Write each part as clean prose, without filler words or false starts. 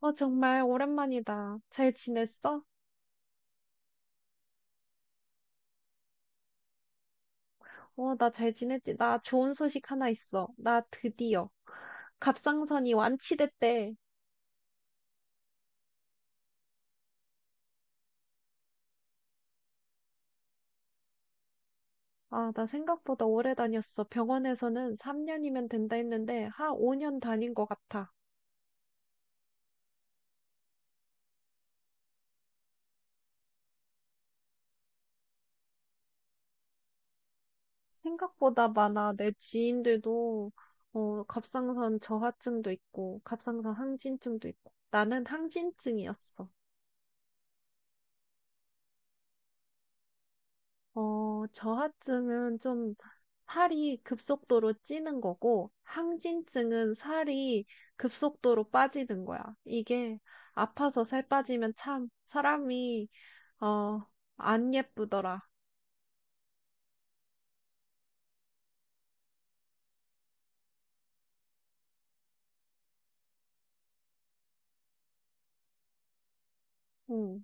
정말 오랜만이다. 잘 지냈어? 나 잘 지냈지. 나 좋은 소식 하나 있어. 나 드디어 갑상선이 완치됐대. 아, 나 생각보다 오래 다녔어. 병원에서는 3년이면 된다 했는데, 한 5년 다닌 것 같아. 생각보다 많아. 내 지인들도, 갑상선 저하증도 있고, 갑상선 항진증도 있고. 나는 항진증이었어. 저하증은 좀 살이 급속도로 찌는 거고, 항진증은 살이 급속도로 빠지는 거야. 이게 아파서 살 빠지면 참 사람이, 어, 안 예쁘더라. 응.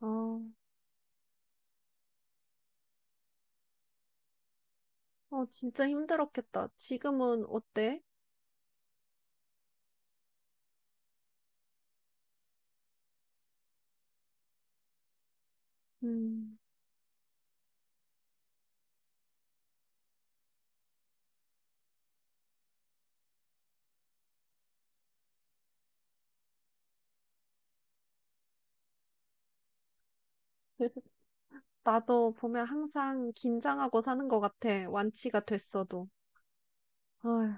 어, 진짜 힘들었겠다. 지금은 어때? 음, 나도 보면 항상 긴장하고 사는 것 같아. 완치가 됐어도. 어휴,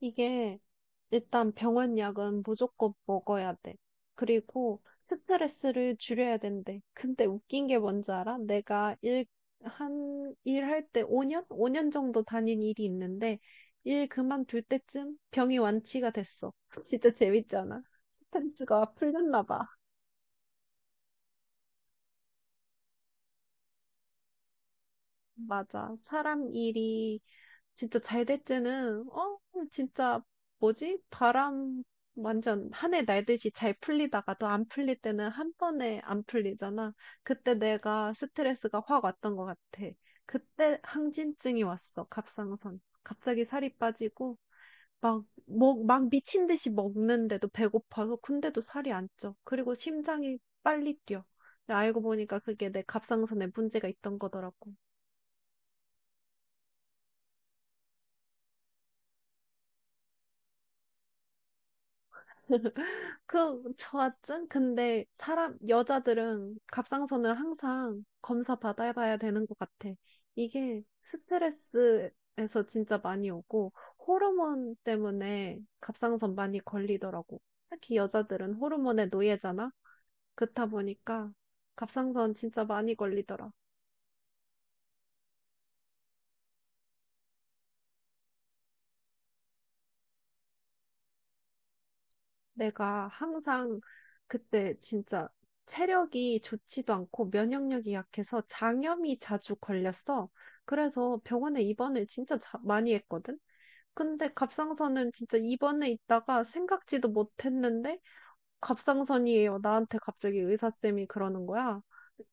이게 일단 병원 약은 무조건 먹어야 돼. 그리고 스트레스를 줄여야 된대. 근데 웃긴 게 뭔지 알아? 내가 일할 때 5년? 5년 정도 다닌 일이 있는데, 일 그만둘 때쯤 병이 완치가 됐어. 진짜 재밌잖아. 스트레스가 풀렸나 봐. 맞아. 사람 일이 진짜 잘 될 때는, 진짜, 뭐지? 바람 완전 한 해 날듯이 잘 풀리다가도 안 풀릴 때는 한 번에 안 풀리잖아. 그때 내가 스트레스가 확 왔던 것 같아. 그때 항진증이 왔어, 갑상선. 갑자기 살이 빠지고, 막, 막 미친 듯이 먹는데도 배고파서, 근데도 살이 안 쪄. 그리고 심장이 빨리 뛰어. 근데 알고 보니까 그게 내 갑상선에 문제가 있던 거더라고. 그 저하증? 근데 사람 여자들은 갑상선을 항상 검사 받아봐야 되는 것 같아. 이게 스트레스에서 진짜 많이 오고 호르몬 때문에 갑상선 많이 걸리더라고. 특히 여자들은 호르몬의 노예잖아. 그렇다 보니까 갑상선 진짜 많이 걸리더라. 내가 항상 그때 진짜 체력이 좋지도 않고 면역력이 약해서 장염이 자주 걸렸어. 그래서 병원에 입원을 진짜 많이 했거든. 근데 갑상선은 진짜 입원해 있다가 생각지도 못했는데 갑상선이에요. 나한테 갑자기 의사쌤이 그러는 거야.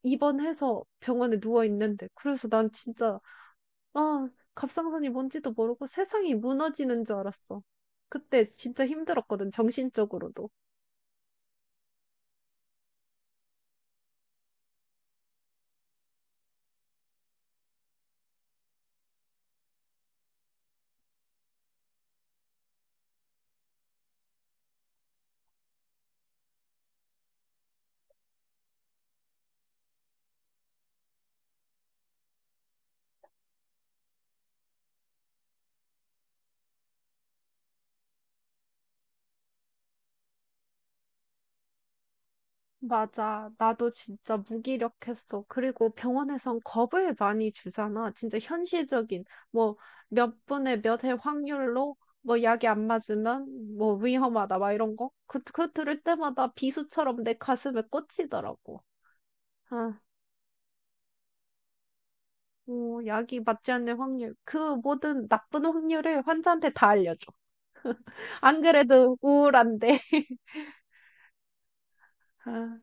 입원해서 병원에 누워 있는데. 그래서 난 진짜 아, 갑상선이 뭔지도 모르고 세상이 무너지는 줄 알았어. 그때 진짜 힘들었거든, 정신적으로도. 맞아. 나도 진짜 무기력했어. 그리고 병원에선 겁을 많이 주잖아. 진짜 현실적인, 뭐, 몇 분의 몇 해 확률로, 뭐, 약이 안 맞으면, 뭐, 위험하다, 막 이런 거. 그거 들을 때마다 비수처럼 내 가슴에 꽂히더라고. 아, 뭐, 약이 맞지 않는 확률. 그 모든 나쁜 확률을 환자한테 다 알려줘. 안 그래도 우울한데. 아,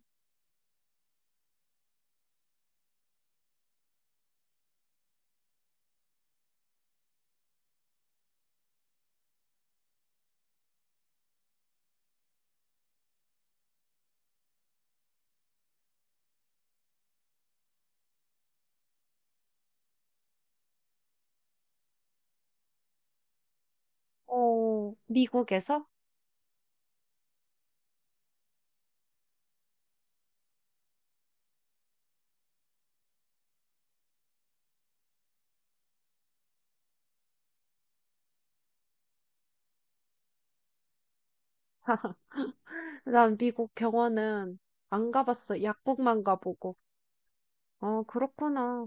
미국에서? 난 미국 병원은 안 가봤어. 약국만 가보고. 어, 그렇구나.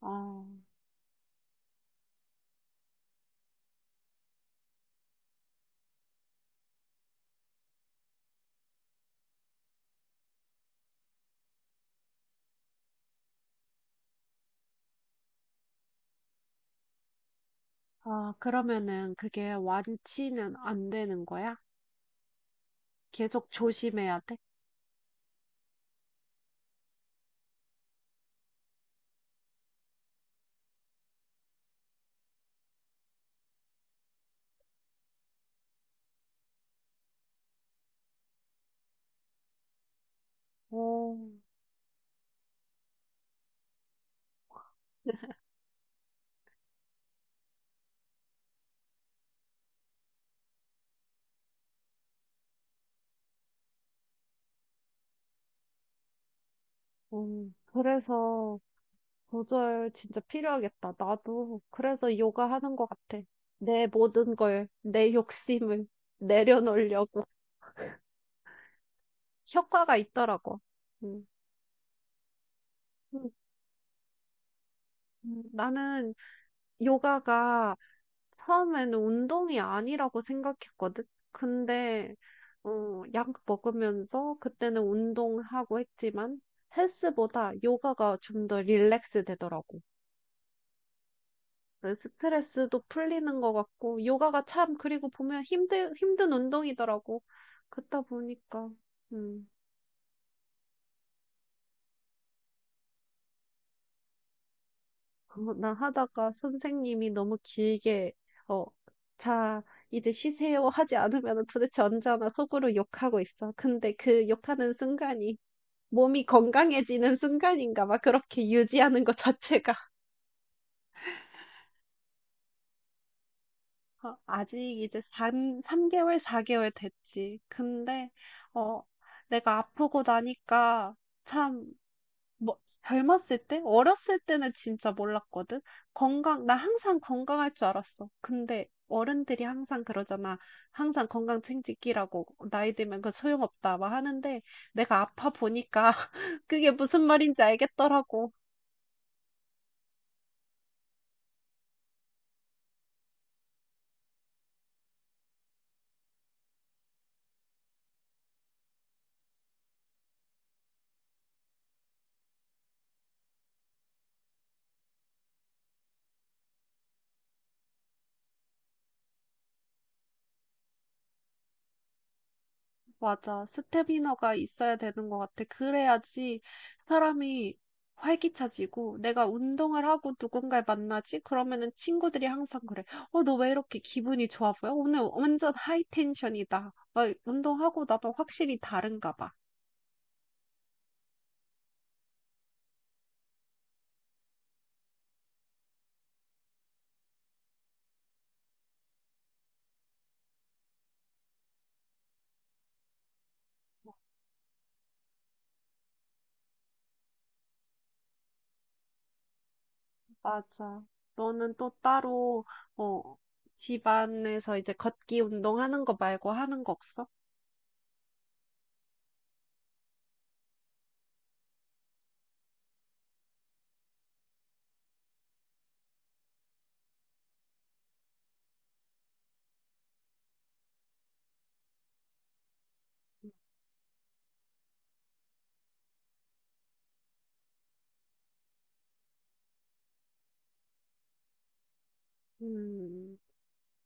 아, 아, 그러면은 그게 완치는 안 되는 거야? 계속 조심해야 돼? 오 오, 그래서 조절 진짜 필요하겠다. 나도 그래서 요가 하는 것 같아. 내 모든 걸, 내 욕심을 내려놓으려고 효과가 있더라고. 음. 음, 나는 요가가 처음에는 운동이 아니라고 생각했거든. 근데, 약 먹으면서 그때는 운동하고 했지만 헬스보다 요가가 좀 더 릴렉스 되더라고. 그래서 스트레스도 풀리는 것 같고, 요가가 참, 그리고 보면 힘든 운동이더라고. 그렇다 보니까, 음, 나 하다가 선생님이 너무 길게, 어, 자, 이제 쉬세요 하지 않으면 도대체 언제 하나 속으로 욕하고 있어. 근데 그 욕하는 순간이 몸이 건강해지는 순간인가 막 그렇게 유지하는 것 자체가 아직 이제 삼개월사개월 됐지. 근데 어 내가 아프고 나니까 참 뭐, 젊었을 때? 어렸을 때는 진짜 몰랐거든. 나 항상 건강할 줄 알았어. 근데 어른들이 항상 그러잖아. 항상 건강 챙기기라고 나이 들면 그 소용없다 막 하는데 내가 아파 보니까 그게 무슨 말인지 알겠더라고. 맞아. 스태미너가 있어야 되는 것 같아. 그래야지 사람이 활기차지고 내가 운동을 하고 누군가를 만나지? 그러면은 친구들이 항상 그래. 너 왜 이렇게 기분이 좋아 보여? 오늘 완전 하이 텐션이다. 운동하고 나면 확실히 다른가 봐. 맞아. 너는 또 따로 어, 집안에서 이제 걷기 운동하는 거 말고 하는 거 없어? 음.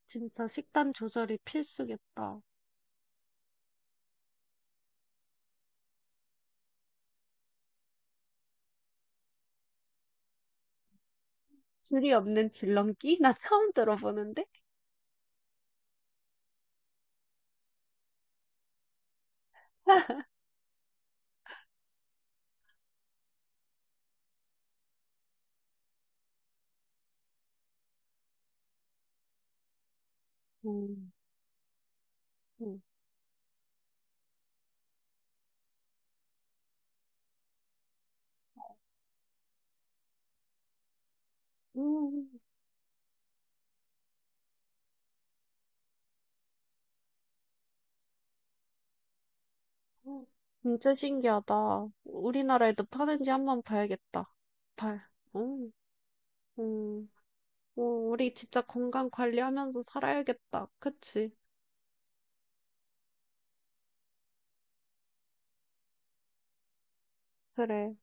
진짜 식단 조절이 필수겠다. 줄이 없는 줄넘기? 나 처음 들어보는데? 음, 음, 음, 음. 진짜 신기하다. 우리나라에도 파는지 한번 봐야겠다. 발. 음, 음, 음, 우리 진짜 건강 관리하면서 살아야겠다. 그치? 그래.